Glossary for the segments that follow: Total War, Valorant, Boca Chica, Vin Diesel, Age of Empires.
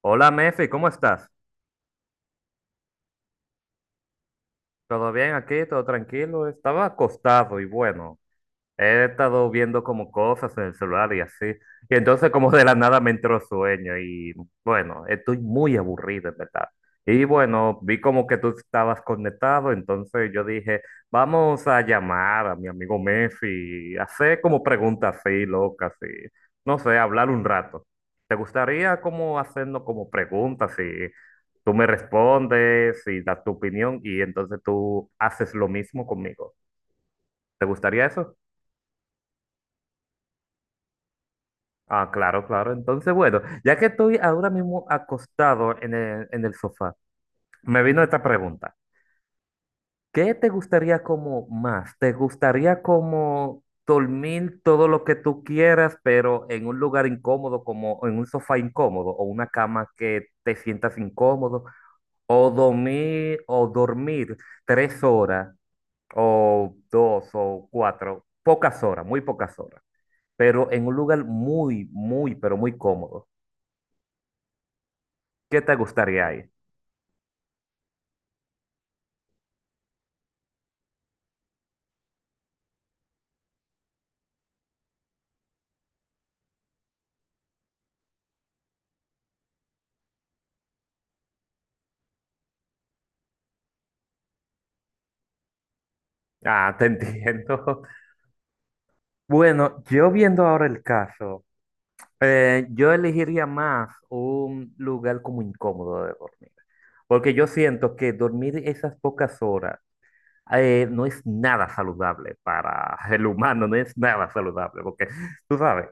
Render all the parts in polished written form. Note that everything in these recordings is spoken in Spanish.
Hola, Mefi, ¿cómo estás? ¿Todo bien aquí? ¿Todo tranquilo? Estaba acostado y he estado viendo como cosas en el celular y así. Y entonces como de la nada me entró sueño y bueno, estoy muy aburrido, en verdad. Y bueno, vi como que tú estabas conectado, entonces yo dije, vamos a llamar a mi amigo Messi, y hacer como preguntas así, locas y no sé, hablar un rato. ¿Te gustaría como hacernos como preguntas y tú me respondes y das tu opinión y entonces tú haces lo mismo conmigo? ¿Te gustaría eso? Ah, claro, claro. Entonces, bueno, ya que estoy ahora mismo acostado en el sofá, me vino esta pregunta. ¿Qué te gustaría como más? ¿Te gustaría como dormir todo lo que tú quieras, pero en un lugar incómodo, como en un sofá incómodo o una cama que te sientas incómodo? ¿O dormir 3 horas o dos o cuatro, pocas horas, muy pocas horas, pero en un lugar muy, muy, pero muy cómodo? ¿Qué te gustaría ahí? Ah, te entiendo. Bueno, yo viendo ahora el caso, yo elegiría más un lugar como incómodo de dormir, porque yo siento que dormir esas pocas horas no es nada saludable para el humano, no es nada saludable, porque tú sabes,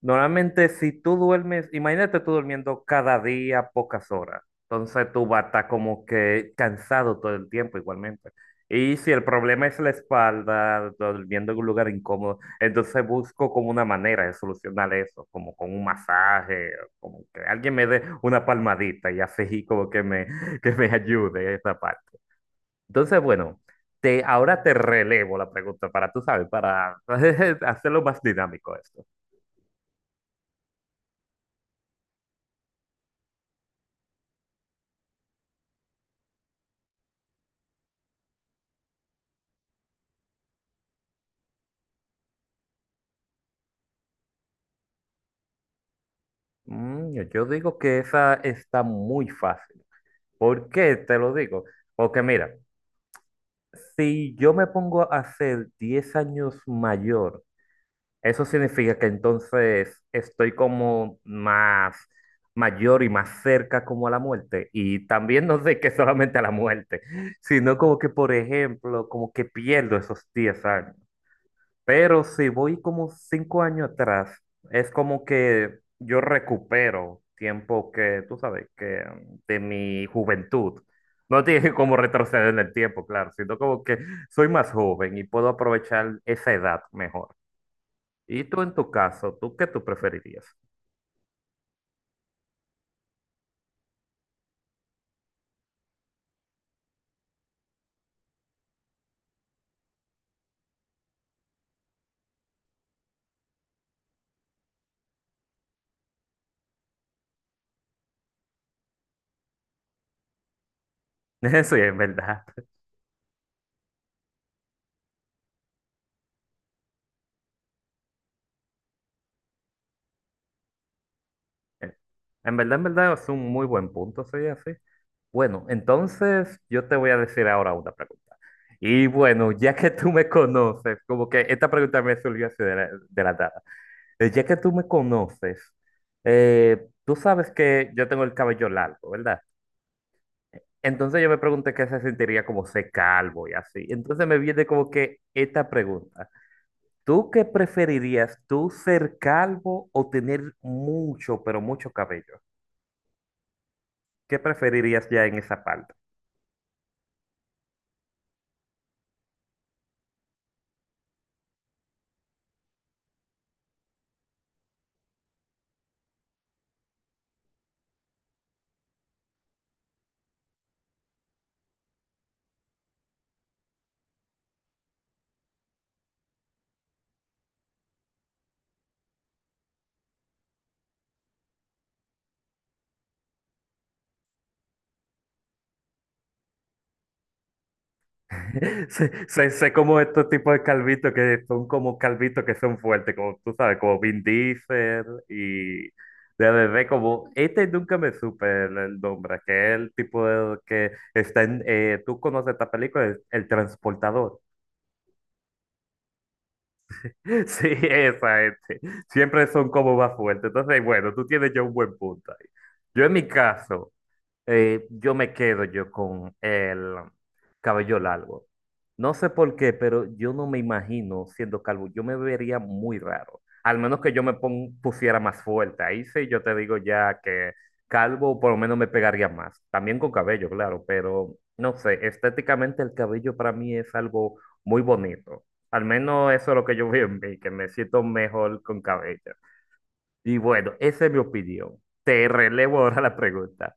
normalmente, si tú duermes, imagínate tú durmiendo cada día pocas horas. Entonces tú vas a estar como que cansado todo el tiempo igualmente. Y si el problema es la espalda, durmiendo en un lugar incómodo, entonces busco como una manera de solucionar eso, como con un masaje, como que alguien me dé una palmadita y así como que me, que me ayude esa parte. Entonces, bueno, ahora te relevo la pregunta para, tú sabes, para hacerlo más dinámico esto. Mm, yo digo que esa está muy fácil. ¿Por qué te lo digo? Porque mira, si yo me pongo a ser 10 años mayor, eso significa que entonces estoy como más mayor y más cerca como a la muerte. Y también no sé que solamente a la muerte, sino como que, por ejemplo, como que pierdo esos 10 años. Pero si voy como 5 años atrás, es como que yo recupero tiempo que, tú sabes, que de mi juventud. No tiene como retroceder en el tiempo, claro, sino como que soy más joven y puedo aprovechar esa edad mejor. Y tú en tu caso, ¿tú qué tú preferirías? Eso es en verdad. En verdad es un muy buen punto, soy así. Bueno, entonces yo te voy a decir ahora una pregunta. Y bueno, ya que tú me conoces, como que esta pregunta me surgió así de la nada. Ya que tú me conoces, tú sabes que yo tengo el cabello largo, ¿verdad? Entonces yo me pregunté qué se sentiría como ser calvo y así. Entonces me viene como que esta pregunta. ¿Tú qué preferirías, tú ser calvo o tener mucho, pero mucho cabello? ¿Qué preferirías ya en esa parte? Sé como estos tipos de calvitos que son como calvitos que son fuertes, como tú sabes, como Vin Diesel y de bebé, como este nunca me supe el nombre, que es el tipo de, que está en, tú conoces esta película, el transportador. Sí, esa este. Siempre son como más fuertes. Entonces, bueno, tú tienes ya un buen punto ahí. Yo en mi caso. Yo me quedo yo con el cabello largo. No sé por qué, pero yo no me imagino siendo calvo. Yo me vería muy raro. Al menos que yo me pusiera más fuerte. Ahí sí yo te digo ya que calvo por lo menos me pegaría más. También con cabello, claro, pero no sé, estéticamente el cabello para mí es algo muy bonito. Al menos eso es lo que yo veo en mí, que me siento mejor con cabello. Y bueno, esa es mi opinión. Te relevo ahora la pregunta.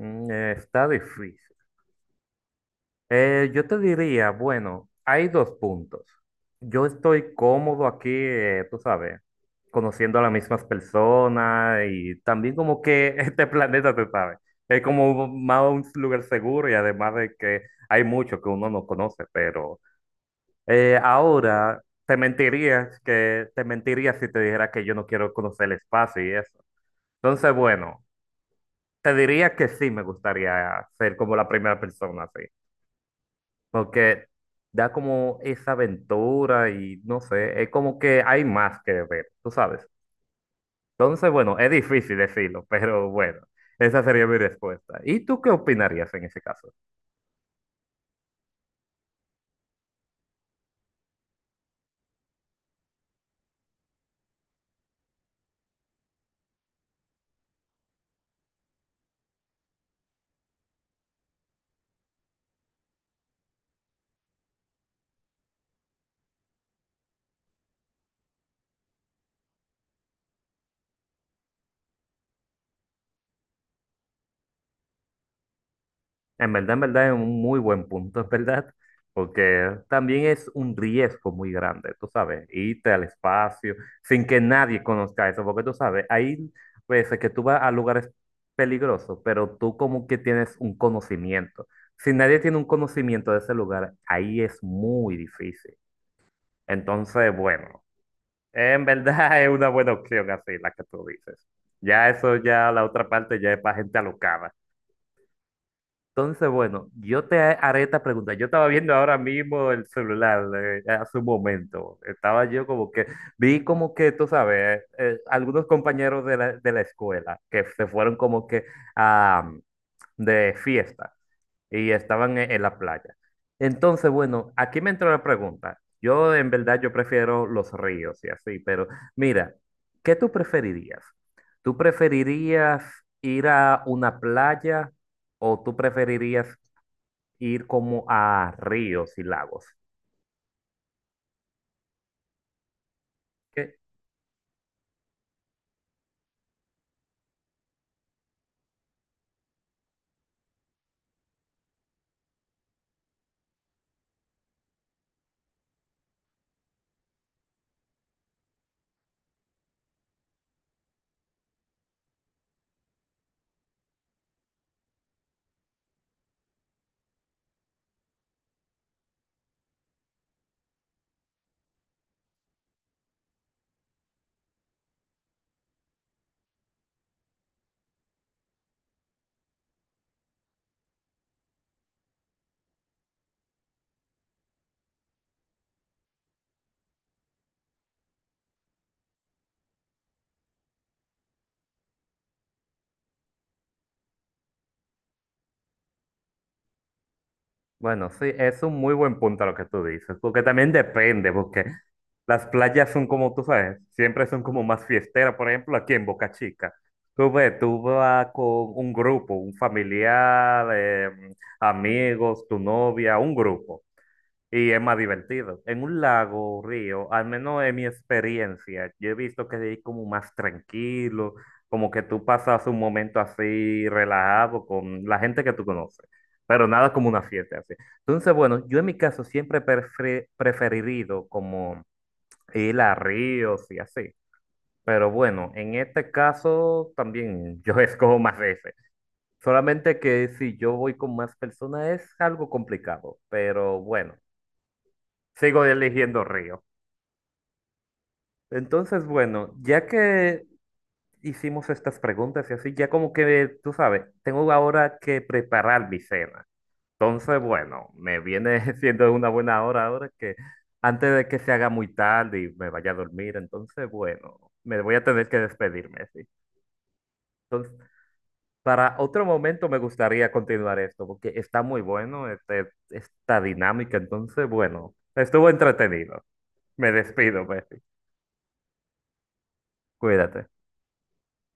Mm, está difícil. Yo te diría, bueno, hay dos puntos. Yo estoy cómodo aquí, tú sabes, conociendo a las mismas personas y también como que este planeta, tú sabes, es como más un lugar seguro y además de que hay mucho que uno no conoce, pero ahora te mentiría que te mentiría si te dijera que yo no quiero conocer el espacio y eso. Entonces, bueno, te diría que sí me gustaría ser como la primera persona, sí. Porque da como esa aventura y no sé, es como que hay más que ver, tú sabes. Entonces, bueno, es difícil decirlo, pero bueno, esa sería mi respuesta. ¿Y tú qué opinarías en ese caso? En verdad es un muy buen punto, es verdad, porque también es un riesgo muy grande, tú sabes, irte al espacio sin que nadie conozca eso, porque tú sabes, hay veces que tú vas a lugares peligrosos, pero tú como que tienes un conocimiento. Si nadie tiene un conocimiento de ese lugar, ahí es muy difícil. Entonces, bueno, en verdad es una buena opción así, la que tú dices. Ya eso, ya la otra parte ya es para gente alocada. Entonces, bueno, yo te haré esta pregunta. Yo estaba viendo ahora mismo el celular hace un momento. Estaba yo como que, vi como que, tú sabes, algunos compañeros de la escuela que se fueron como que a, de fiesta y estaban en la playa. Entonces, bueno, aquí me entró la pregunta. Yo en verdad yo prefiero los ríos y así, pero mira, ¿qué tú preferirías? ¿Tú preferirías ir a una playa? ¿O tú preferirías ir como a ríos y lagos? Que, bueno, sí, es un muy buen punto lo que tú dices, porque también depende, porque las playas son como tú sabes, siempre son como más fiesteras, por ejemplo, aquí en Boca Chica. Tú ves, tú vas con un grupo, un familiar, amigos, tu novia, un grupo. Y es más divertido. En un lago, río, al menos en mi experiencia, yo he visto que es como más tranquilo, como que tú pasas un momento así relajado con la gente que tú conoces, pero nada como una fiesta así. Entonces, bueno, yo en mi caso siempre he preferido como ir a ríos y así. Pero bueno, en este caso también yo escojo más ese. Solamente que si yo voy con más personas es algo complicado, pero bueno. Sigo eligiendo río. Entonces, bueno, ya que hicimos estas preguntas y así, ya como que, tú sabes, tengo ahora que preparar mi cena. Entonces, bueno, me viene siendo una buena hora ahora que antes de que se haga muy tarde y me vaya a dormir, entonces, bueno, me voy a tener que despedirme, sí. Entonces, para otro momento me gustaría continuar esto, porque está muy bueno esta dinámica, entonces, bueno, estuvo entretenido. Me despido, Messi. Cuídate.